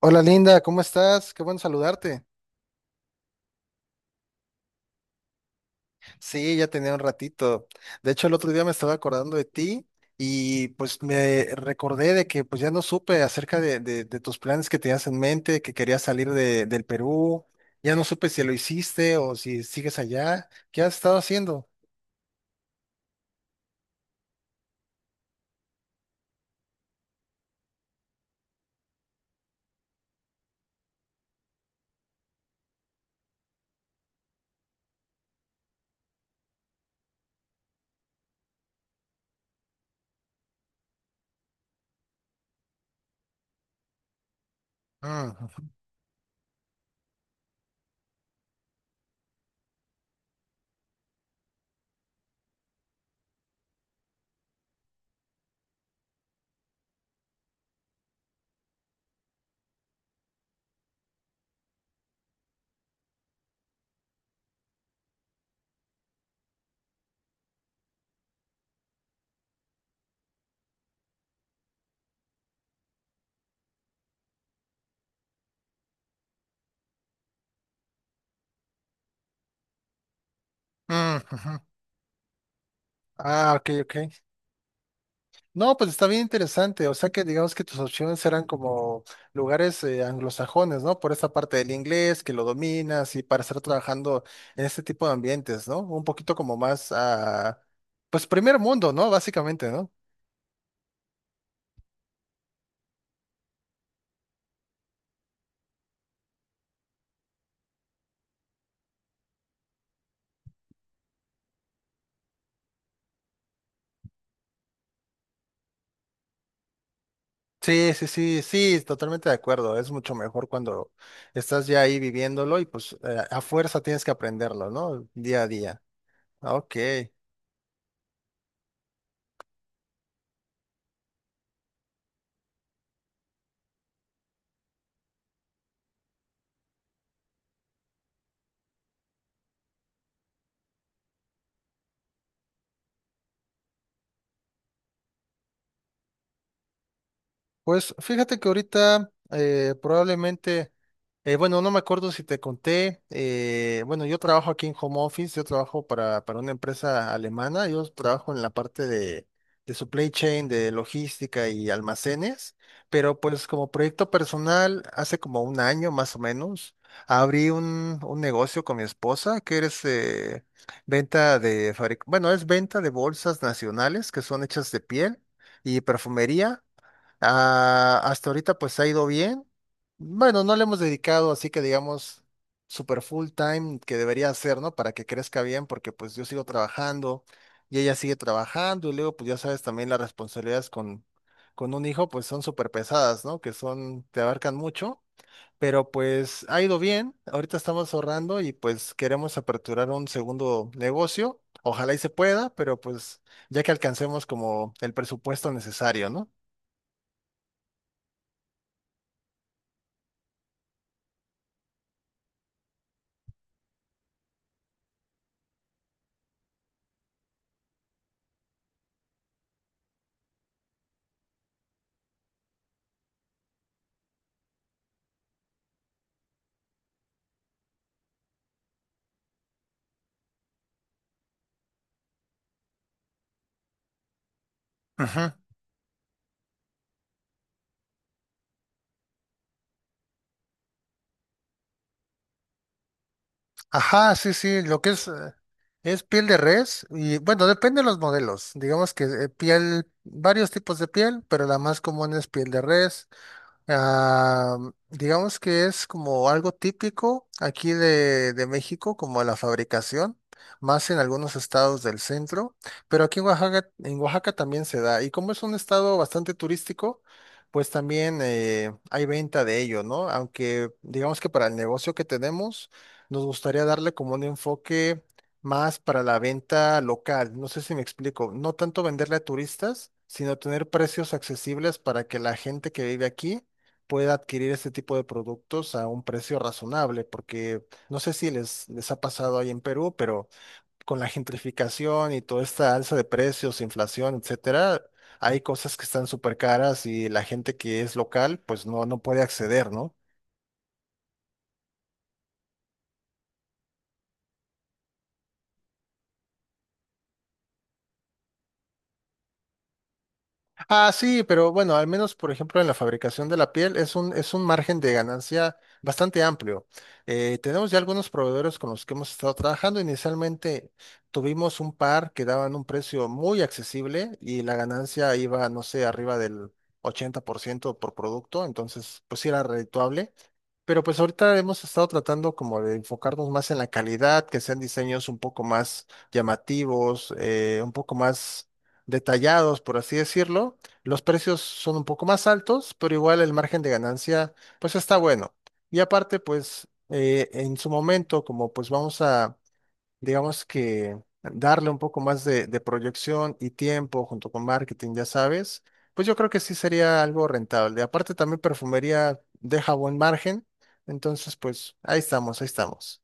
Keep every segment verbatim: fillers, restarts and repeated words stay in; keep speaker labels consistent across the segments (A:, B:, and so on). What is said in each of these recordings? A: Hola Linda, ¿cómo estás? Qué bueno saludarte. Sí, ya tenía un ratito. De hecho, el otro día me estaba acordando de ti y pues me recordé de que pues ya no supe acerca de, de- de tus planes que tenías en mente, que querías salir de- del Perú. Ya no supe si lo hiciste o si sigues allá. ¿Qué has estado haciendo? Mm, ujú, mm, ujú. Ah, ok, ok. No, pues está bien interesante. O sea que digamos que tus opciones eran como lugares eh, anglosajones, ¿no? Por esa parte del inglés, que lo dominas y para estar trabajando en este tipo de ambientes, ¿no? Un poquito como más a, pues primer mundo, ¿no? Básicamente, ¿no? Sí, sí, sí, sí, totalmente de acuerdo. Es mucho mejor cuando estás ya ahí viviéndolo y pues eh, a fuerza tienes que aprenderlo, ¿no? Día a día. Ok. Pues fíjate que ahorita eh, probablemente, eh, bueno, no me acuerdo si te conté, eh, bueno, yo trabajo aquí en home office, yo trabajo para, para una empresa alemana, yo trabajo en la parte de, de supply chain, de logística y almacenes, pero pues como proyecto personal, hace como un año más o menos, abrí un, un negocio con mi esposa que es eh, venta de fabric, bueno, es venta de bolsas nacionales que son hechas de piel y perfumería. Ah, hasta ahorita pues ha ido bien. Bueno, no le hemos dedicado así que digamos super full time que debería hacer, ¿no? Para que crezca bien, porque pues yo sigo trabajando y ella sigue trabajando y luego pues ya sabes también las responsabilidades con, con un hijo pues son súper pesadas, ¿no? Que son, te abarcan mucho, pero pues ha ido bien. Ahorita estamos ahorrando y pues queremos aperturar un segundo negocio. Ojalá y se pueda, pero pues ya que alcancemos como el presupuesto necesario, ¿no? Ujú. Ajá, sí, sí, lo que es, eh, es piel de res y bueno, depende de los modelos. Digamos que eh, piel, varios tipos de piel, pero la más común es piel de res. Ah, digamos que es como algo típico aquí de, de México, como la fabricación, más en algunos estados del centro, pero aquí en Oaxaca, en Oaxaca también se da. Y como es un estado bastante turístico, pues también eh, hay venta de ello, ¿no? Aunque digamos que para el negocio que tenemos, nos gustaría darle como un enfoque más para la venta local. No sé si me explico, no tanto venderle a turistas, sino tener precios accesibles para que la gente que vive aquí pueda adquirir este tipo de productos a un precio razonable, porque no sé si les, les ha pasado ahí en Perú, pero con la gentrificación y toda esta alza de precios, inflación, etcétera, hay cosas que están súper caras y la gente que es local, pues no, no puede acceder, ¿no? Ah, sí, pero bueno, al menos por ejemplo en la fabricación de la piel es un, es un margen de ganancia bastante amplio. Eh, tenemos ya algunos proveedores con los que hemos estado trabajando. Inicialmente tuvimos un par que daban un precio muy accesible y la ganancia iba, no sé, arriba del ochenta por ciento por ciento por producto, entonces pues sí era redituable. Pero pues ahorita hemos estado tratando como de enfocarnos más en la calidad, que sean diseños un poco más llamativos, eh, un poco más detallados, por así decirlo. Los precios son un poco más altos, pero igual el margen de ganancia pues está bueno. Y aparte pues eh, en su momento como pues vamos a digamos que darle un poco más de, de proyección y tiempo junto con marketing, ya sabes, pues yo creo que sí sería algo rentable. Aparte también perfumería deja buen margen, entonces pues ahí estamos, ahí estamos.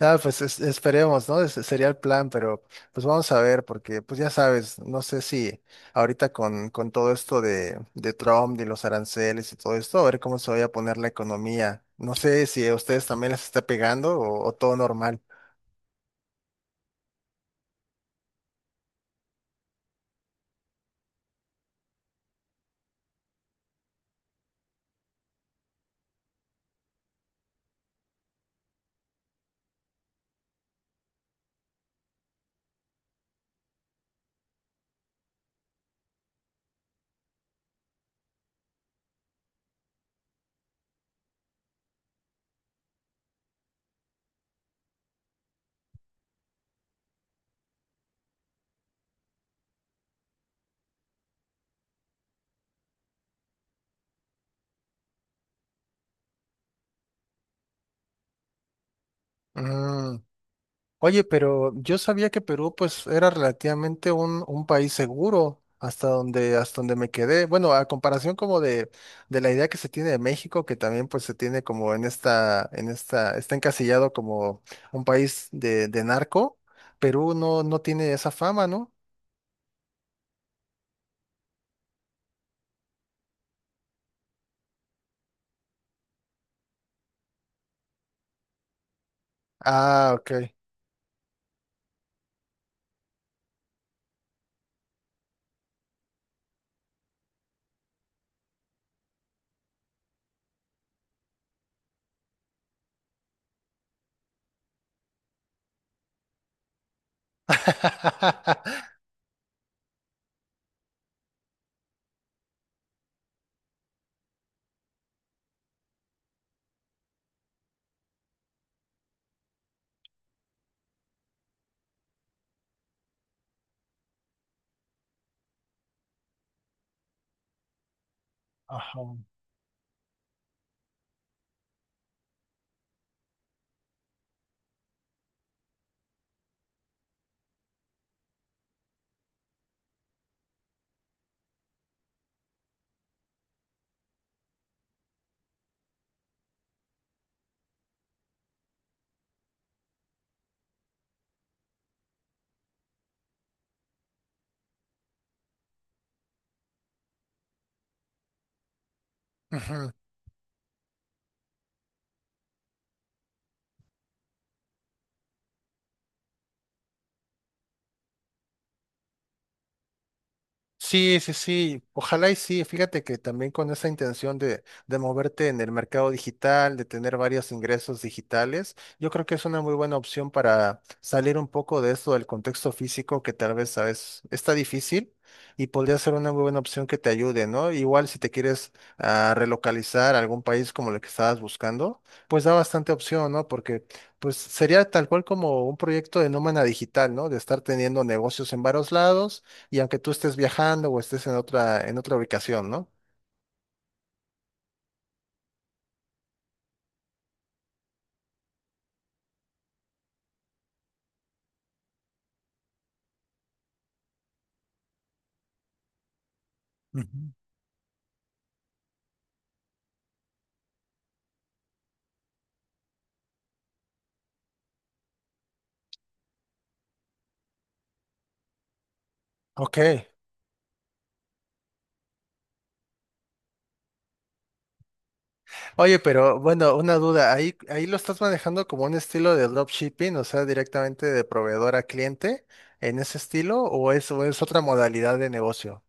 A: Ah, pues es- esperemos, ¿no? Ese sería el plan, pero pues vamos a ver, porque pues ya sabes, no sé si ahorita con, con todo esto de, de Trump, de los aranceles y todo esto, a ver cómo se vaya a poner la economía. No sé si a ustedes también les está pegando o, o todo normal. Mm. Oye, pero yo sabía que Perú pues era relativamente un, un país seguro hasta donde, hasta donde me quedé. Bueno, a comparación como de, de la idea que se tiene de México, que también pues se tiene como en esta, en esta, está encasillado como un país de, de narco, Perú no, no tiene esa fama, ¿no? Ah, ok. Ajá. Ujú. Sí, sí, sí. Ojalá y sí. Fíjate que también con esa intención de, de moverte en el mercado digital, de tener varios ingresos digitales, yo creo que es una muy buena opción para salir un poco de eso del contexto físico que tal vez a veces está difícil y podría ser una muy buena opción que te ayude, ¿no? Igual si te quieres ah, relocalizar a algún país como el que estabas buscando, pues da bastante opción, ¿no? Porque pues sería tal cual como un proyecto de nómada digital, ¿no? De estar teniendo negocios en varios lados y aunque tú estés viajando o estés en otra, en otra ubicación, ¿no? Ujú. Ok. Oye, pero bueno, una duda, ahí, ahí lo estás manejando como un estilo de dropshipping, o sea, directamente de proveedor a cliente, en ese estilo, o es, o es otra modalidad de negocio.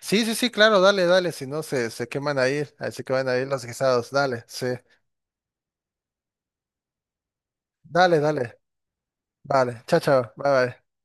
A: Sí, sí, sí, claro, dale, dale, si no se, se queman ahí, ahí se queman ahí los guisados, dale, sí, dale, dale, vale, chao, chao, bye, bye.